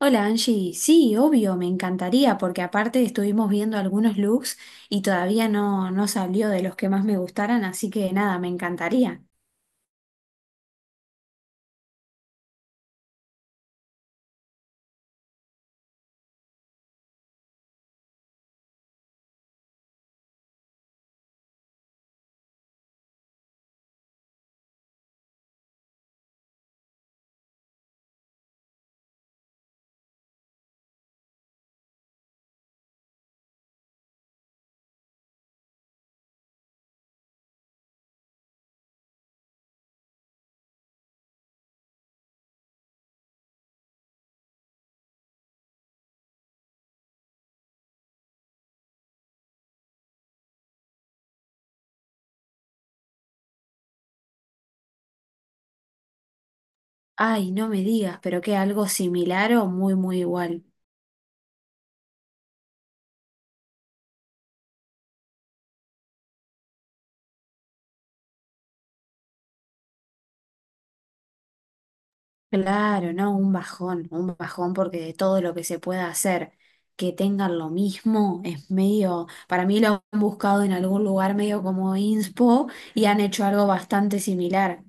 Hola Angie, sí, obvio, me encantaría porque aparte estuvimos viendo algunos looks y todavía no salió de los que más me gustaran, así que nada, me encantaría. Ay, no me digas, pero que algo similar o muy igual. Claro, no, un bajón porque de todo lo que se pueda hacer, que tengan lo mismo, es medio, para mí lo han buscado en algún lugar medio como inspo y han hecho algo bastante similar.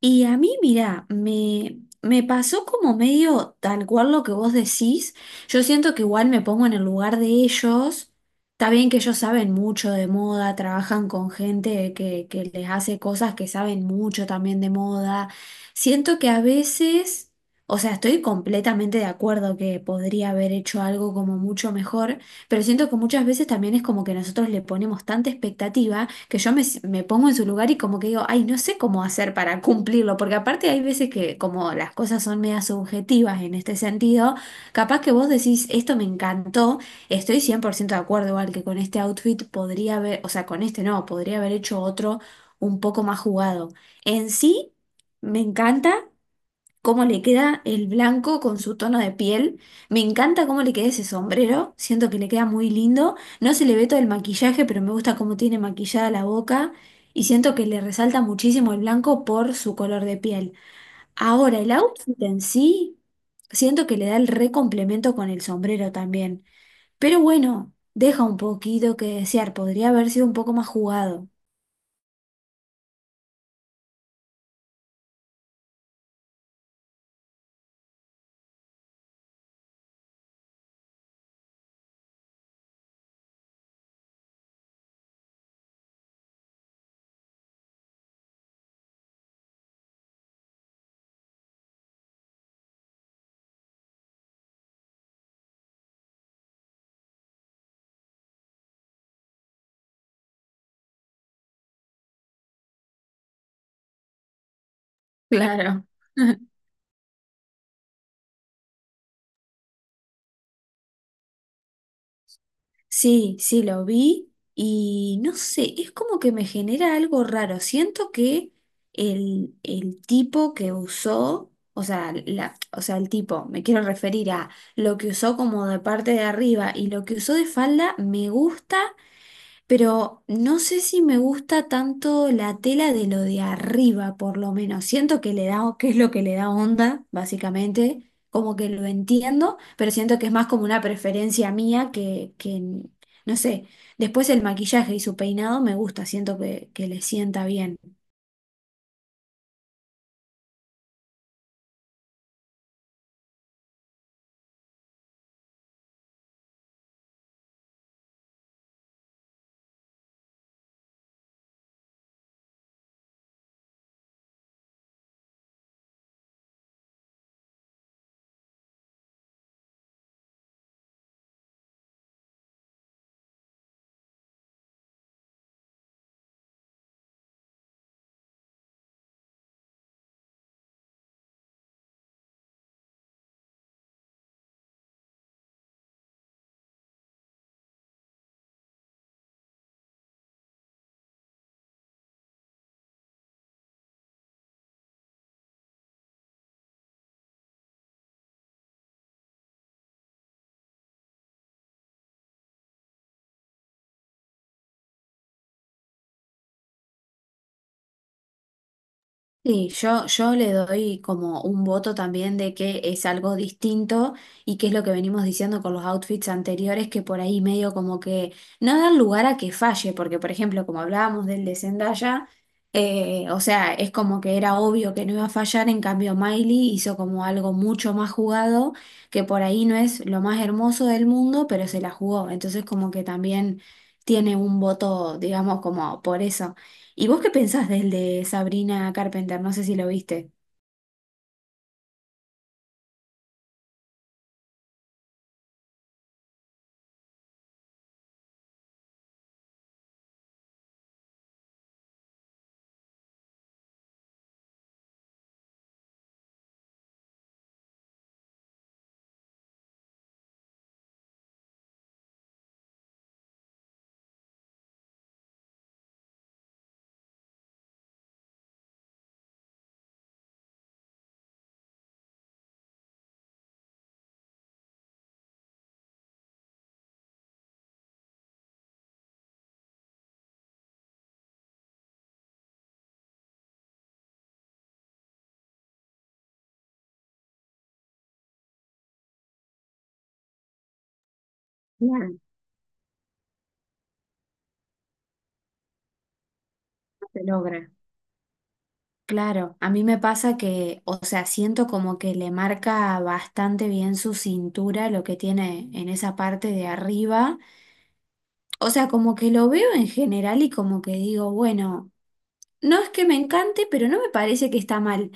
Y a mí, mira, me pasó como medio tal cual lo que vos decís. Yo siento que igual me pongo en el lugar de ellos. Está bien que ellos saben mucho de moda, trabajan con gente que les hace cosas que saben mucho también de moda. Siento que a veces, o sea, estoy completamente de acuerdo que podría haber hecho algo como mucho mejor, pero siento que muchas veces también es como que nosotros le ponemos tanta expectativa que yo me pongo en su lugar y como que digo, ay, no sé cómo hacer para cumplirlo, porque aparte hay veces que como las cosas son media subjetivas en este sentido, capaz que vos decís, esto me encantó, estoy 100% de acuerdo igual que con este outfit podría haber, o sea, con este no, podría haber hecho otro un poco más jugado. En sí, me encanta cómo le queda el blanco con su tono de piel. Me encanta cómo le queda ese sombrero, siento que le queda muy lindo. No se le ve todo el maquillaje, pero me gusta cómo tiene maquillada la boca y siento que le resalta muchísimo el blanco por su color de piel. Ahora, el outfit en sí, siento que le da el re complemento con el sombrero también. Pero bueno, deja un poquito que desear, podría haber sido un poco más jugado. Claro. Sí, sí, lo vi y no sé, es como que me genera algo raro. Siento que el tipo que usó, o sea, la, o sea, el tipo, me quiero referir a lo que usó como de parte de arriba y lo que usó de falda, me gusta, pero no sé si me gusta tanto la tela de lo de arriba, por lo menos. Siento que le da, que es lo que le da onda, básicamente, como que lo entiendo, pero siento que es más como una preferencia mía no sé. Después el maquillaje y su peinado me gusta, siento que le sienta bien. Sí, yo le doy como un voto también de que es algo distinto y que es lo que venimos diciendo con los outfits anteriores, que por ahí medio como que no dan lugar a que falle, porque por ejemplo, como hablábamos del de Zendaya, o sea, es como que era obvio que no iba a fallar, en cambio Miley hizo como algo mucho más jugado, que por ahí no es lo más hermoso del mundo, pero se la jugó, entonces como que también tiene un voto, digamos, como por eso. ¿Y vos qué pensás del de Sabrina Carpenter? No sé si lo viste. Claro, no se logra. Claro, a mí me pasa que, o sea, siento como que le marca bastante bien su cintura, lo que tiene en esa parte de arriba. O sea, como que lo veo en general y como que digo, bueno. No es que me encante, pero no me parece que está mal.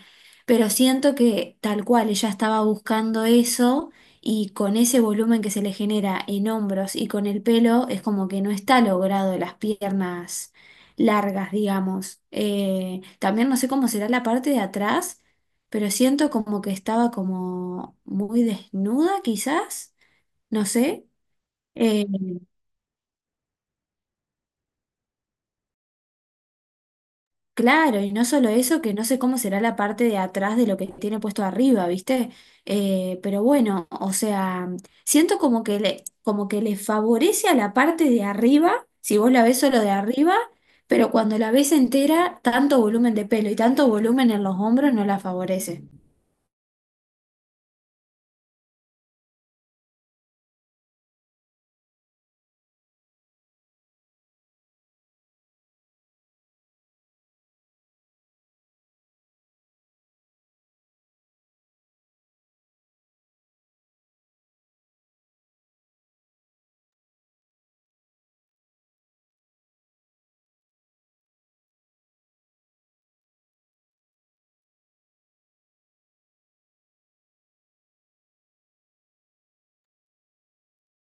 Pero siento que tal cual ella estaba buscando eso y con ese volumen que se le genera en hombros y con el pelo es como que no está logrado las piernas largas, digamos. También no sé cómo será la parte de atrás, pero siento como que estaba como muy desnuda quizás, no sé. Eh, Claro, y no solo eso, que no sé cómo será la parte de atrás de lo que tiene puesto arriba, ¿viste? Pero bueno, o sea, siento como que como que le favorece a la parte de arriba, si vos la ves solo de arriba, pero cuando la ves entera, tanto volumen de pelo y tanto volumen en los hombros no la favorece.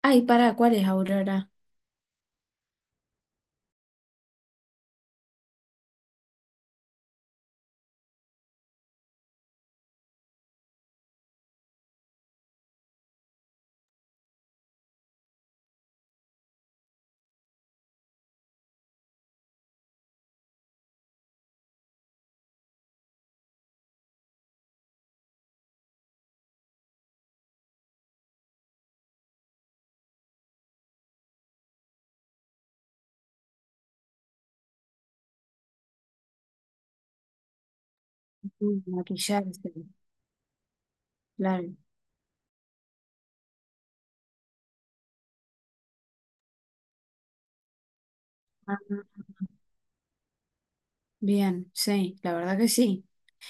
Ay, para, ¿cuál es Aurora? Mm, maquillarse, claro. Ah, bien, sí, la verdad que sí.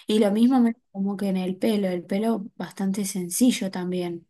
Y lo mismo como que en el pelo bastante sencillo también.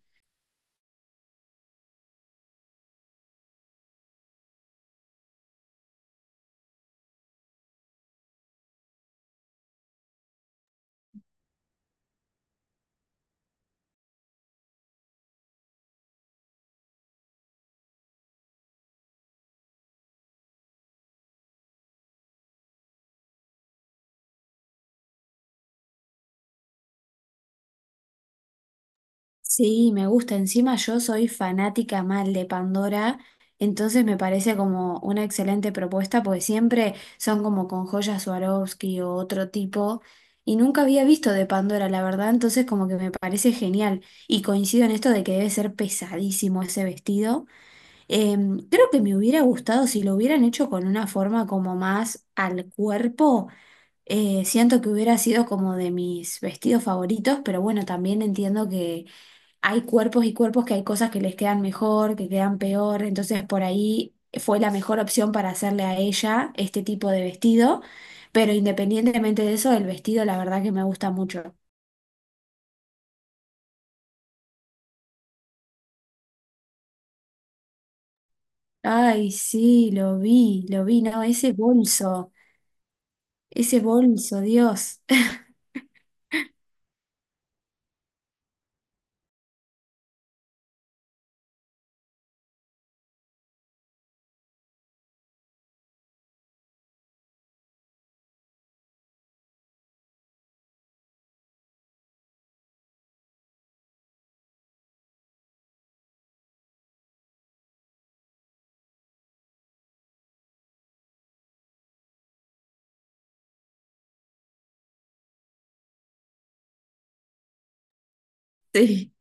Sí, me gusta. Encima yo soy fanática mal de Pandora, entonces me parece como una excelente propuesta, porque siempre son como con joyas Swarovski o otro tipo, y nunca había visto de Pandora, la verdad, entonces como que me parece genial. Y coincido en esto de que debe ser pesadísimo ese vestido. Creo que me hubiera gustado si lo hubieran hecho con una forma como más al cuerpo. Siento que hubiera sido como de mis vestidos favoritos, pero bueno, también entiendo que hay cuerpos y cuerpos que hay cosas que les quedan mejor, que quedan peor, entonces por ahí fue la mejor opción para hacerle a ella este tipo de vestido, pero independientemente de eso, el vestido la verdad que me gusta mucho. Ay, sí, lo vi, no, ese bolso, Dios. Sí,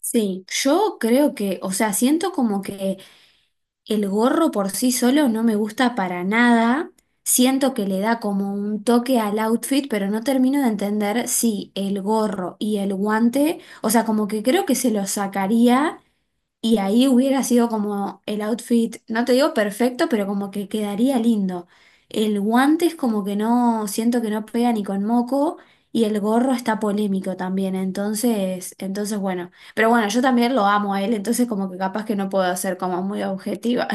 sí, yo creo que, o sea, siento como que el gorro por sí solo no me gusta para nada. Siento que le da como un toque al outfit, pero no termino de entender si el gorro y el guante, o sea, como que creo que se lo sacaría y ahí hubiera sido como el outfit, no te digo perfecto, pero como que quedaría lindo. El guante es como que no, siento que no pega ni con moco y el gorro está polémico también, entonces bueno. Pero bueno, yo también lo amo a él, entonces como que capaz que no puedo ser como muy objetiva.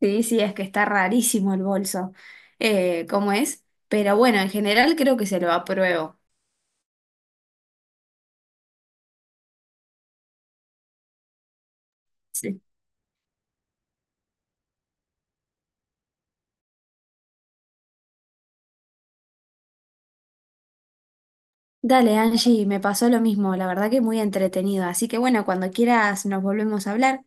Sí, sí, es que está rarísimo el bolso, como es, pero bueno, en general creo que se lo apruebo. Sí. Dale, Angie, me pasó lo mismo, la verdad que muy entretenido, así que bueno, cuando quieras nos volvemos a hablar.